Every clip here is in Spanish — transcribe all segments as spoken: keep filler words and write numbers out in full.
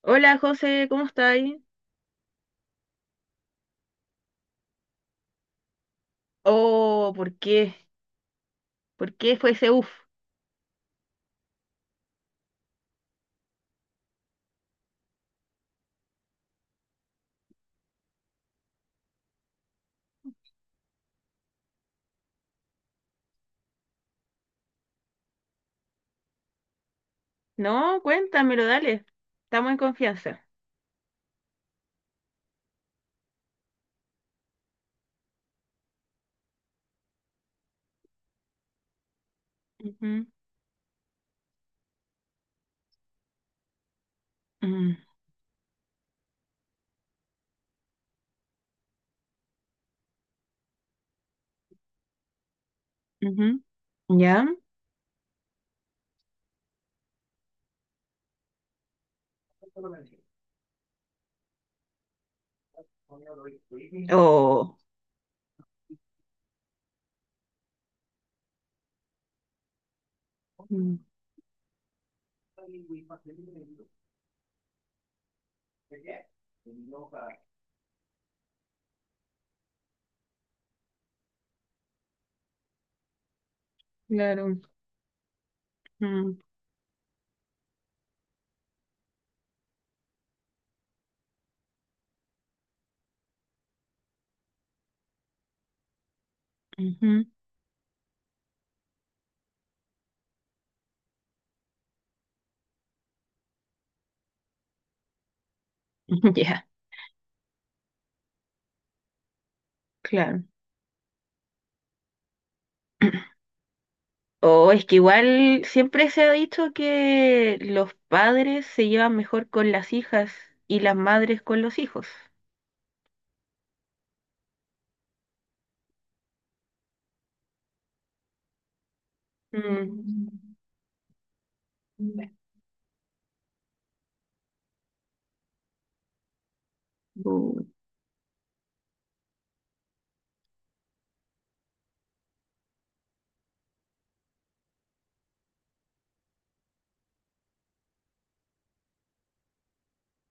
Hola José, ¿cómo estáis? Oh, ¿por qué? ¿Por qué fue ese uf? No, cuéntamelo, dale. Estamos en confianza. Ujú, mm, ujú. ¿Ya? Oh. Mm, claro. Mm, ujú, ujú, ya, claro. O es que igual siempre se ha dicho que los padres se llevan mejor con las hijas y las madres con los hijos. Mm.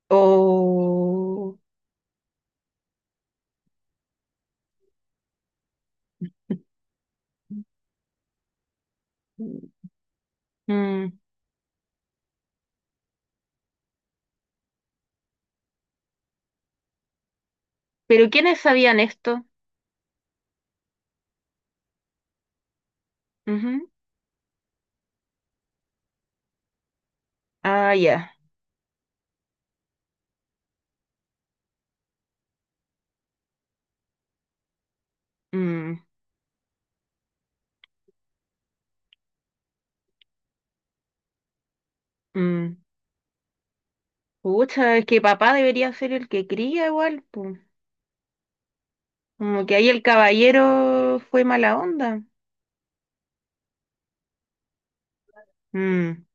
O mm, ¿pero quiénes sabían esto? Ujú. Ah, ya. Mm, mm. Pucha, es que papá debería ser el que cría igual, pu. Como que ahí el caballero fue mala onda. Mm,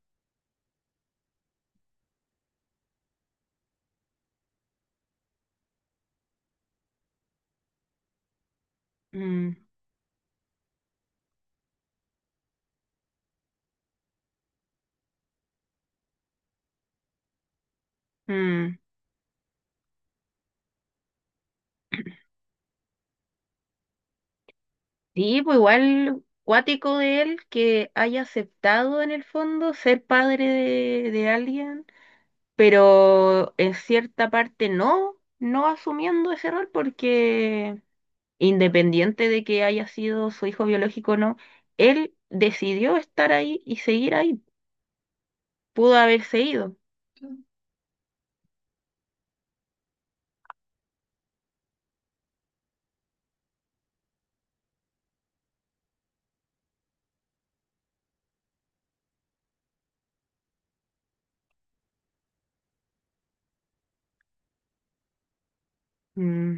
mm, mm. Sí, pues igual cuático de él que haya aceptado en el fondo ser padre de, de alguien, pero en cierta parte no, no asumiendo ese rol porque independiente de que haya sido su hijo biológico o no, él decidió estar ahí y seguir ahí. Pudo haberse ido. Mm,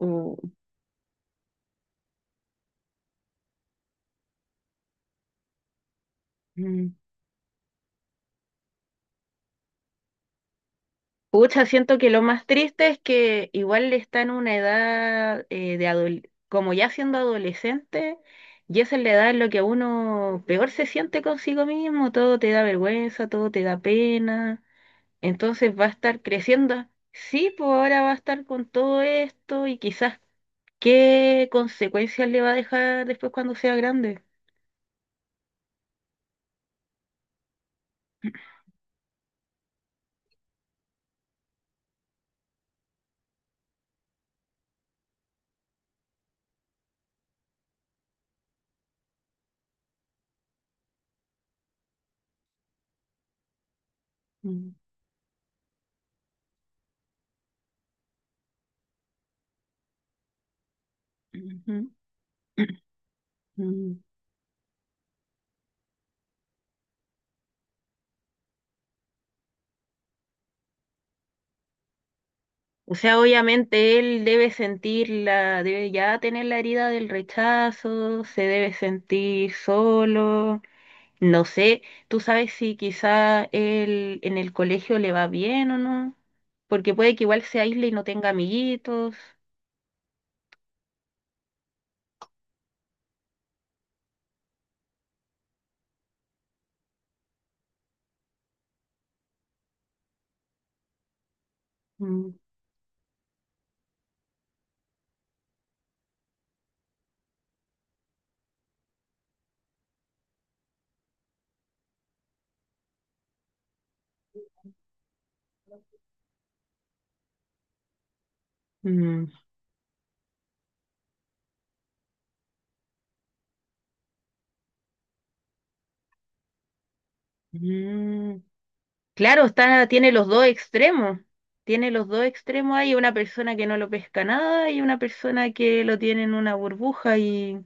o- mm. Pucha, siento que lo más triste es que igual está en una edad eh, de adol- como ya siendo adolescente, y esa es la edad en la que uno peor se siente consigo mismo, todo te da vergüenza, todo te da pena. Entonces va a estar creciendo. Sí, pues ahora va a estar con todo esto y quizás qué consecuencias le va a dejar después cuando sea grande. Mm, ujú, ujú. O sea, obviamente él debe sentir la, debe ya tener la herida del rechazo, se debe sentir solo. No sé, tú sabes si quizá él en el colegio le va bien o no, porque puede que igual se aísle y no tenga amiguitos. Mm, mm. Mm, claro, está, tiene los dos extremos. Tiene los dos extremos. Hay una persona que no lo pesca nada y una persona que lo tiene en una burbuja y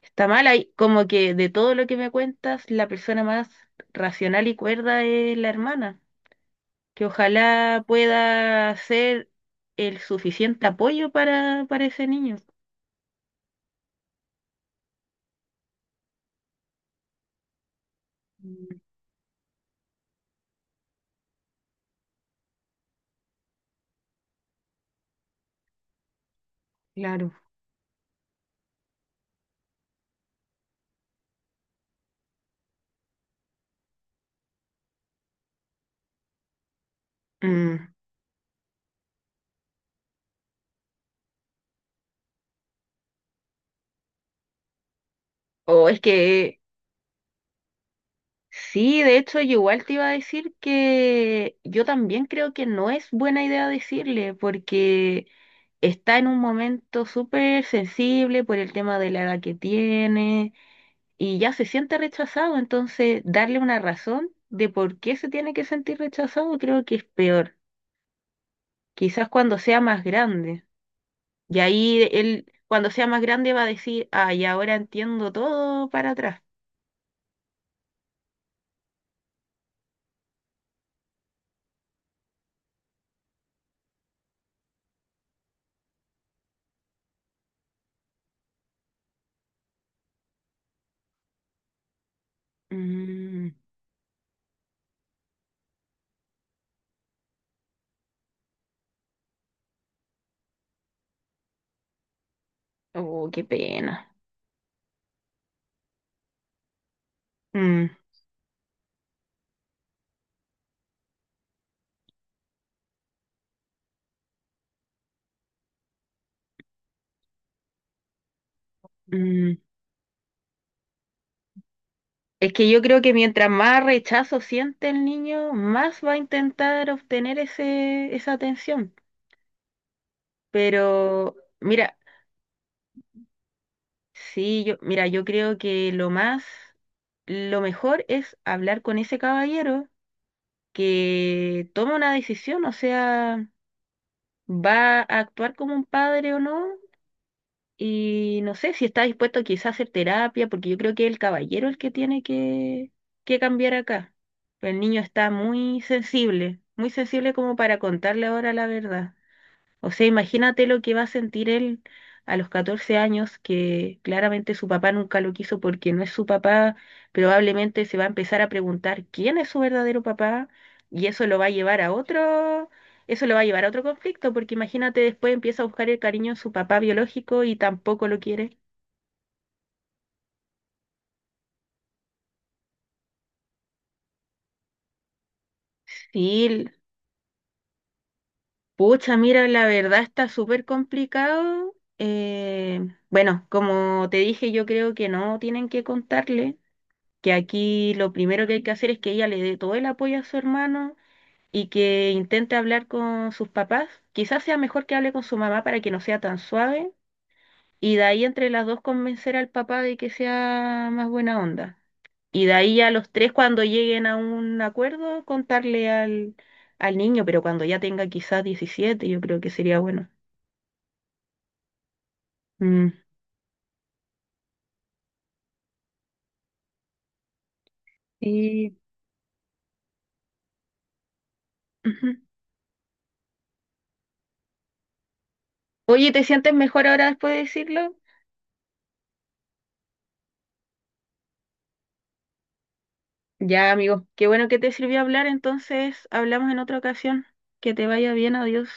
está mal. Hay, como que de todo lo que me cuentas, la persona más racional y cuerda es la hermana, que ojalá pueda ser el suficiente apoyo para, para ese niño. Mm, claro. Mm. O es que Sí, de hecho, yo igual te iba a decir que yo también creo que no es buena idea decirle, porque está en un momento súper sensible por el tema de la edad que tiene y ya se siente rechazado, entonces darle una razón de por qué se tiene que sentir rechazado creo que es peor. Quizás cuando sea más grande. Y ahí él, cuando sea más grande, va a decir, ay, ahora entiendo todo para atrás. Mm, oh, qué pena. Mm, mm. Es que yo creo que mientras más rechazo siente el niño, más va a intentar obtener ese, esa atención. Pero mira, sí, yo, mira, yo creo que lo más, lo mejor es hablar con ese caballero que toma una decisión, o sea, va a actuar como un padre o no, y no sé si está dispuesto quizás a hacer terapia, porque yo creo que es el caballero el que tiene que, que cambiar acá. El niño está muy sensible, muy sensible como para contarle ahora la verdad. O sea, imagínate lo que va a sentir él a los catorce años, que claramente su papá nunca lo quiso porque no es su papá, probablemente se va a empezar a preguntar quién es su verdadero papá y eso lo va a llevar a otro, eso lo va a llevar a otro conflicto, porque imagínate después empieza a buscar el cariño en su papá biológico y tampoco lo quiere. Sí, l- pucha, mira, la verdad está súper complicado. Eh, bueno, como te dije, yo creo que no tienen que contarle, que aquí lo primero que hay que hacer es que ella le dé todo el apoyo a su hermano y que intente hablar con sus papás. Quizás sea mejor que hable con su mamá para que no sea tan suave y de ahí entre las dos convencer al papá de que sea más buena onda. Y de ahí a los tres cuando lleguen a un acuerdo contarle al, al niño, pero cuando ya tenga quizás diecisiete yo creo que sería bueno. Mm. Sí. Ujú. Oye, ¿te sientes mejor ahora después de decirlo? Ya, amigo, qué bueno que te sirvió hablar, entonces hablamos en otra ocasión. Que te vaya bien, adiós.